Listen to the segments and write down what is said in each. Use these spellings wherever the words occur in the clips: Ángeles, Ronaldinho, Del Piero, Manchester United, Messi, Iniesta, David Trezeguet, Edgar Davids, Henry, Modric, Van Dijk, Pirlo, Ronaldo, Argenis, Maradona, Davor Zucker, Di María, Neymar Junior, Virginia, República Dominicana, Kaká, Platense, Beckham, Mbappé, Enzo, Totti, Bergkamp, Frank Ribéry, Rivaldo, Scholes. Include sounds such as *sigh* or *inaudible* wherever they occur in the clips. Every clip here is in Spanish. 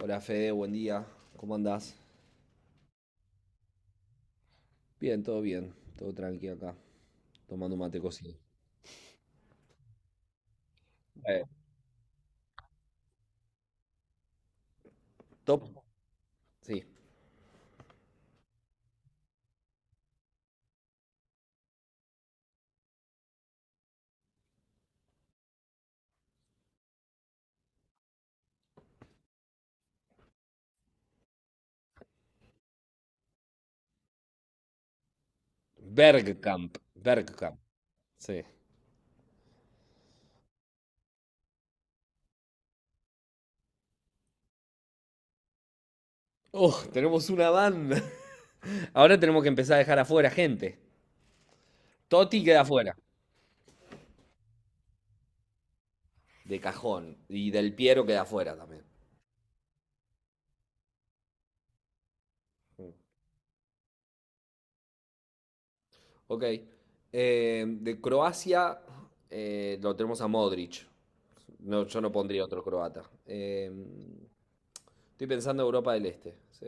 Hola Fede, buen día. ¿Cómo andás? Bien. Todo tranqui acá. Tomando un mate cocido. Eh, Top. Sí. Bergkamp. Bergkamp. Sí. Oh, tenemos una banda. *laughs* Ahora tenemos que empezar a dejar afuera gente. Totti queda afuera. De cajón. Y Del Piero queda afuera también. Ok. De Croacia lo tenemos a Modric. No, yo no pondría otro croata. Estoy pensando en Europa del Este. ¿Sí?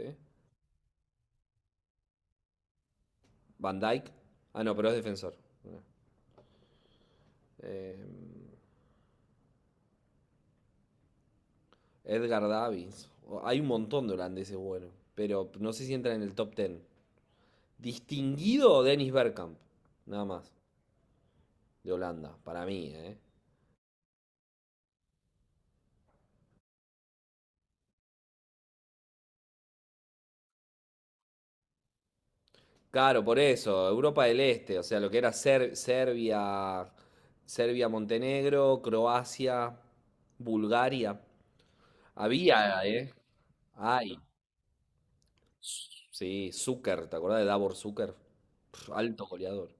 Van Dijk, ah, no, pero es defensor. Eh, Edgar Davids, hay un montón de holandeses buenos. Pero no sé si entran en el top 10. Distinguido Dennis Bergkamp. Nada más. De Holanda. Para mí, ¿eh? Claro, por eso. Europa del Este. O sea, lo que era Serbia. Serbia, Montenegro, Croacia, Bulgaria. Había, ¿eh? Ay, sí, Zucker, ¿te acordás de Davor Zucker? Pf, alto goleador.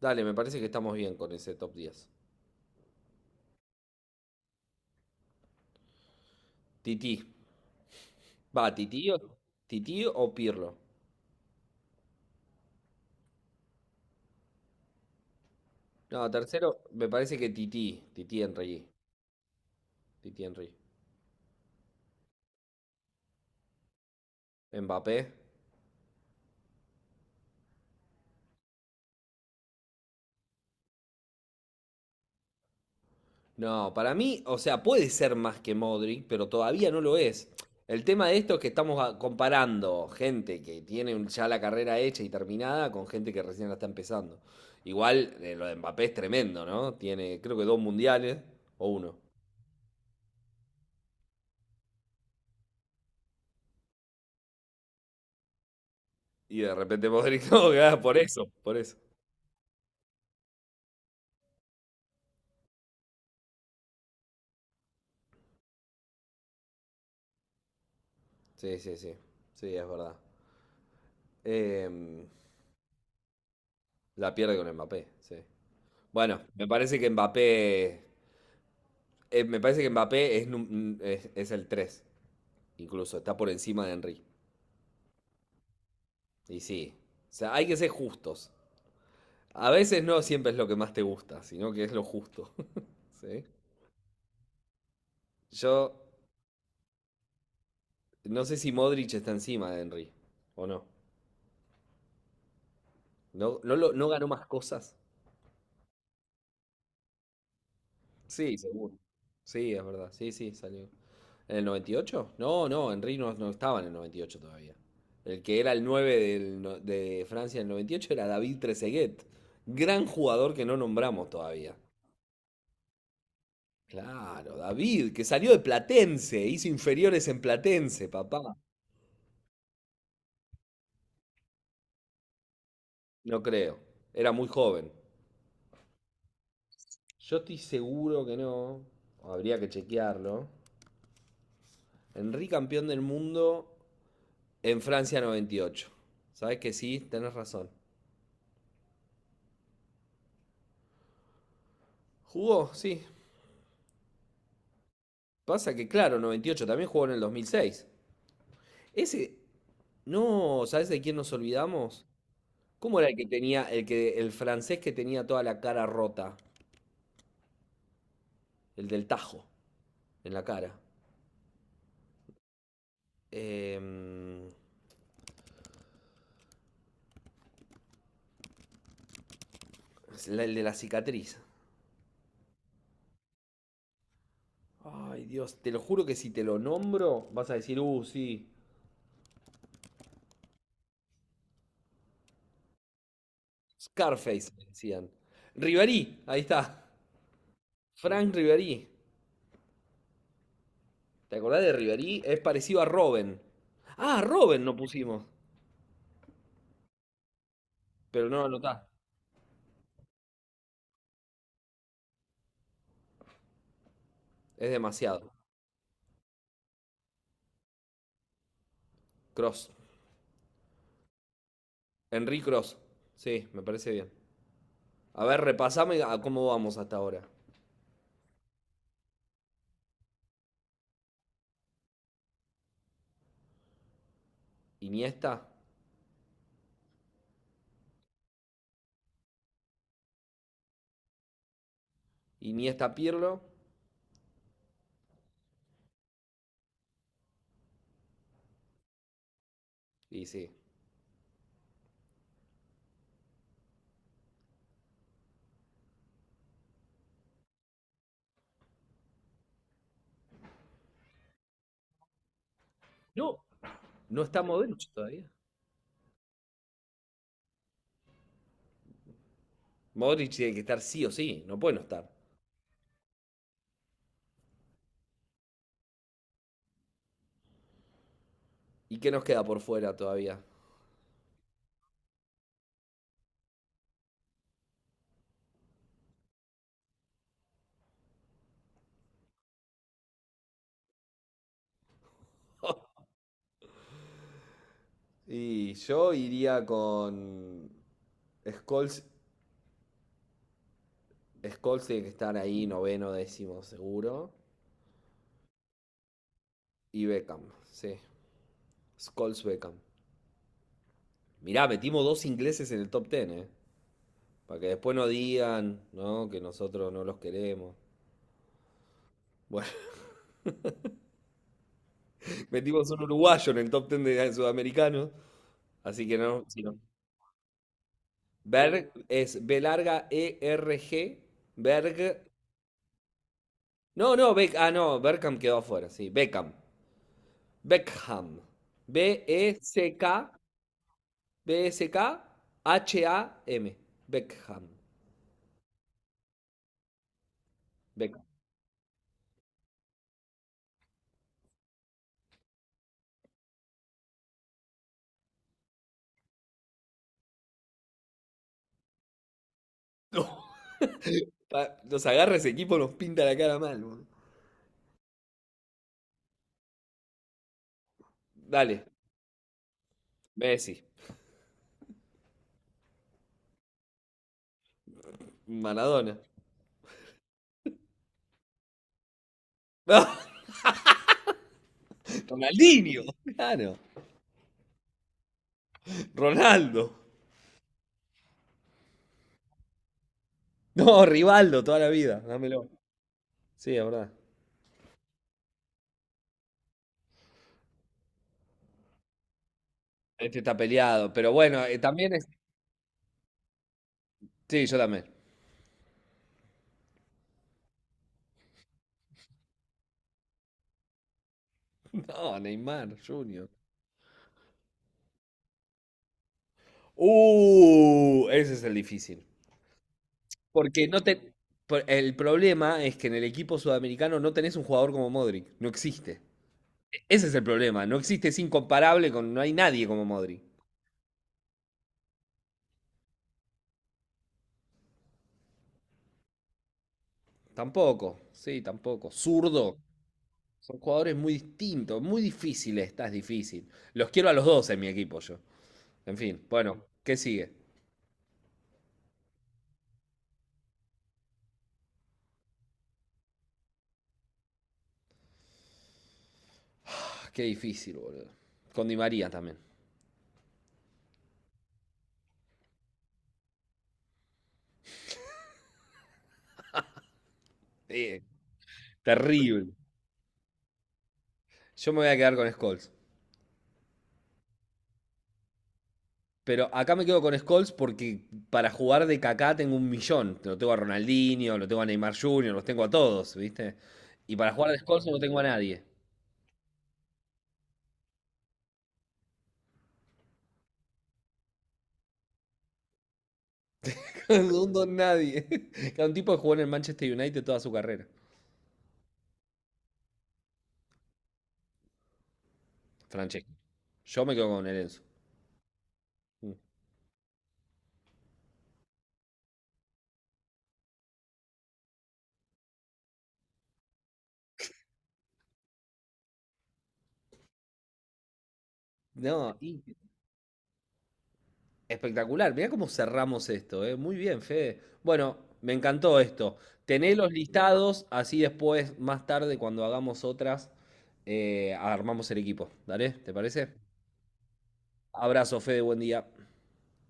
Dale, me parece que estamos bien con ese top diez. Tití. Va, Tití o Pirlo. No, tercero, me parece que Tití. Tití Henry. Tití Henry. Mbappé. No, para mí, o sea, puede ser más que Modric, pero todavía no lo es. El tema de esto es que estamos comparando gente que tiene ya la carrera hecha y terminada con gente que recién la está empezando. Igual, lo de Mbappé es tremendo, ¿no? Tiene, creo que dos mundiales o uno. Y de repente Modric *laughs* no, gana por eso, por eso. Sí, sí, sí. Sí, es verdad. Em, la pierde con Mbappé, sí. Bueno, me parece que Mbappé. Me parece que Mbappé es el tres. Incluso está por encima de Henry. Y sí. O sea, hay que ser justos. A veces no siempre es lo que más te gusta, sino que es lo justo. *laughs* ¿Sí? Yo no sé si Modric está encima de Henry o no. ¿No, no, no ganó más cosas? Sí, seguro. Sí, es verdad. Sí, sí, salió. ¿En el noventa y ocho? No, no, Henry no, no estaba en el 98 todavía. El que era el 9 del de Francia en el 98 era David Trezeguet, gran jugador que no nombramos todavía. Claro, David, que salió de Platense, hizo inferiores en Platense, papá. No creo, era muy joven. Yo estoy seguro que no, habría que chequearlo. Henry campeón del mundo en Francia noventa y ocho. ¿Sabes que sí? Tenés razón. ¿Jugó? Sí, pasa que, claro, 98 también jugó en el 2006. Ese, no, ¿sabes de quién nos olvidamos? ¿Cómo era el que tenía, el que, el francés que tenía toda la cara rota? El del tajo en la cara. Em, es el de la cicatriz. Ay, Dios, te lo juro que si te lo nombro, vas a decir, sí. Scarface, le decían. Ribéry, ahí está. Frank Ribéry. ¿Te acordás de Ribéry? Es parecido a Robin. Ah, Robin no pusimos. Pero no lo anotás. Es demasiado. Cross. Henry Cross. Sí, me parece bien. A ver, repasame a cómo vamos hasta ahora. Iniesta. Iniesta Pirlo. Y sí. No, no está Modric todavía. Modric tiene que estar sí o sí. No puede no estar. ¿Y qué nos queda por fuera todavía? Y yo iría con Scholes. Scholes tiene que estar ahí, noveno, décimo, seguro. Y Beckham. Sí. Scholes Beckham. Mirá, metimos dos ingleses en el top diez, ¿eh? Para que después no digan, ¿no? Que nosotros no los queremos. Bueno, *laughs* metimos un uruguayo en el top 10 de sudamericanos. Así que no, si no. Berg es B larga E R G. Berg. No, no, ah, no, Beckham quedó afuera, sí. Beckham. Beckham. B-E-C-K. E C K B E C K H A M Beckham. Beckham. *laughs* No, nos agarra ese equipo, nos pinta la cara mal, boludo. Dale, Messi. Maradona. *laughs* Ronaldinho. Claro. Ronaldo. No, Rivaldo, toda la vida. Dámelo. Sí, es verdad. Este está peleado. Pero bueno, también es. Sí, yo también. No, Neymar Junior. Ese es el difícil. Porque no te. El problema es que en el equipo sudamericano no tenés un jugador como Modric. No existe. Ese es el problema. No existe, es incomparable con. No hay nadie como Modric. Tampoco. Sí, tampoco. Zurdo. Son jugadores muy distintos, muy difíciles, estás difícil. Los quiero a los dos en mi equipo yo. En fin, bueno, ¿qué sigue? Ah, qué difícil, boludo. Con Di María también. Eh, Terrible. Yo me voy a quedar con Scholes. Pero acá me quedo con Scholes porque para jugar de Kaká tengo un millón. Lo tengo a Ronaldinho, lo tengo a Neymar Jr., los tengo a todos, ¿viste? Y para jugar de Scholes no tengo a nadie. *laughs* No tengo a nadie. *laughs* Cada un tipo que jugó en el Manchester United toda su carrera. Francesco. Yo me quedo con el Enzo. No, y espectacular, mirá cómo cerramos esto, ¿eh? Muy bien, Fede. Bueno, me encantó esto. Tené los listados, así después, más tarde, cuando hagamos otras, armamos el equipo. ¿Dale? ¿Te parece? Abrazo, Fede, buen día.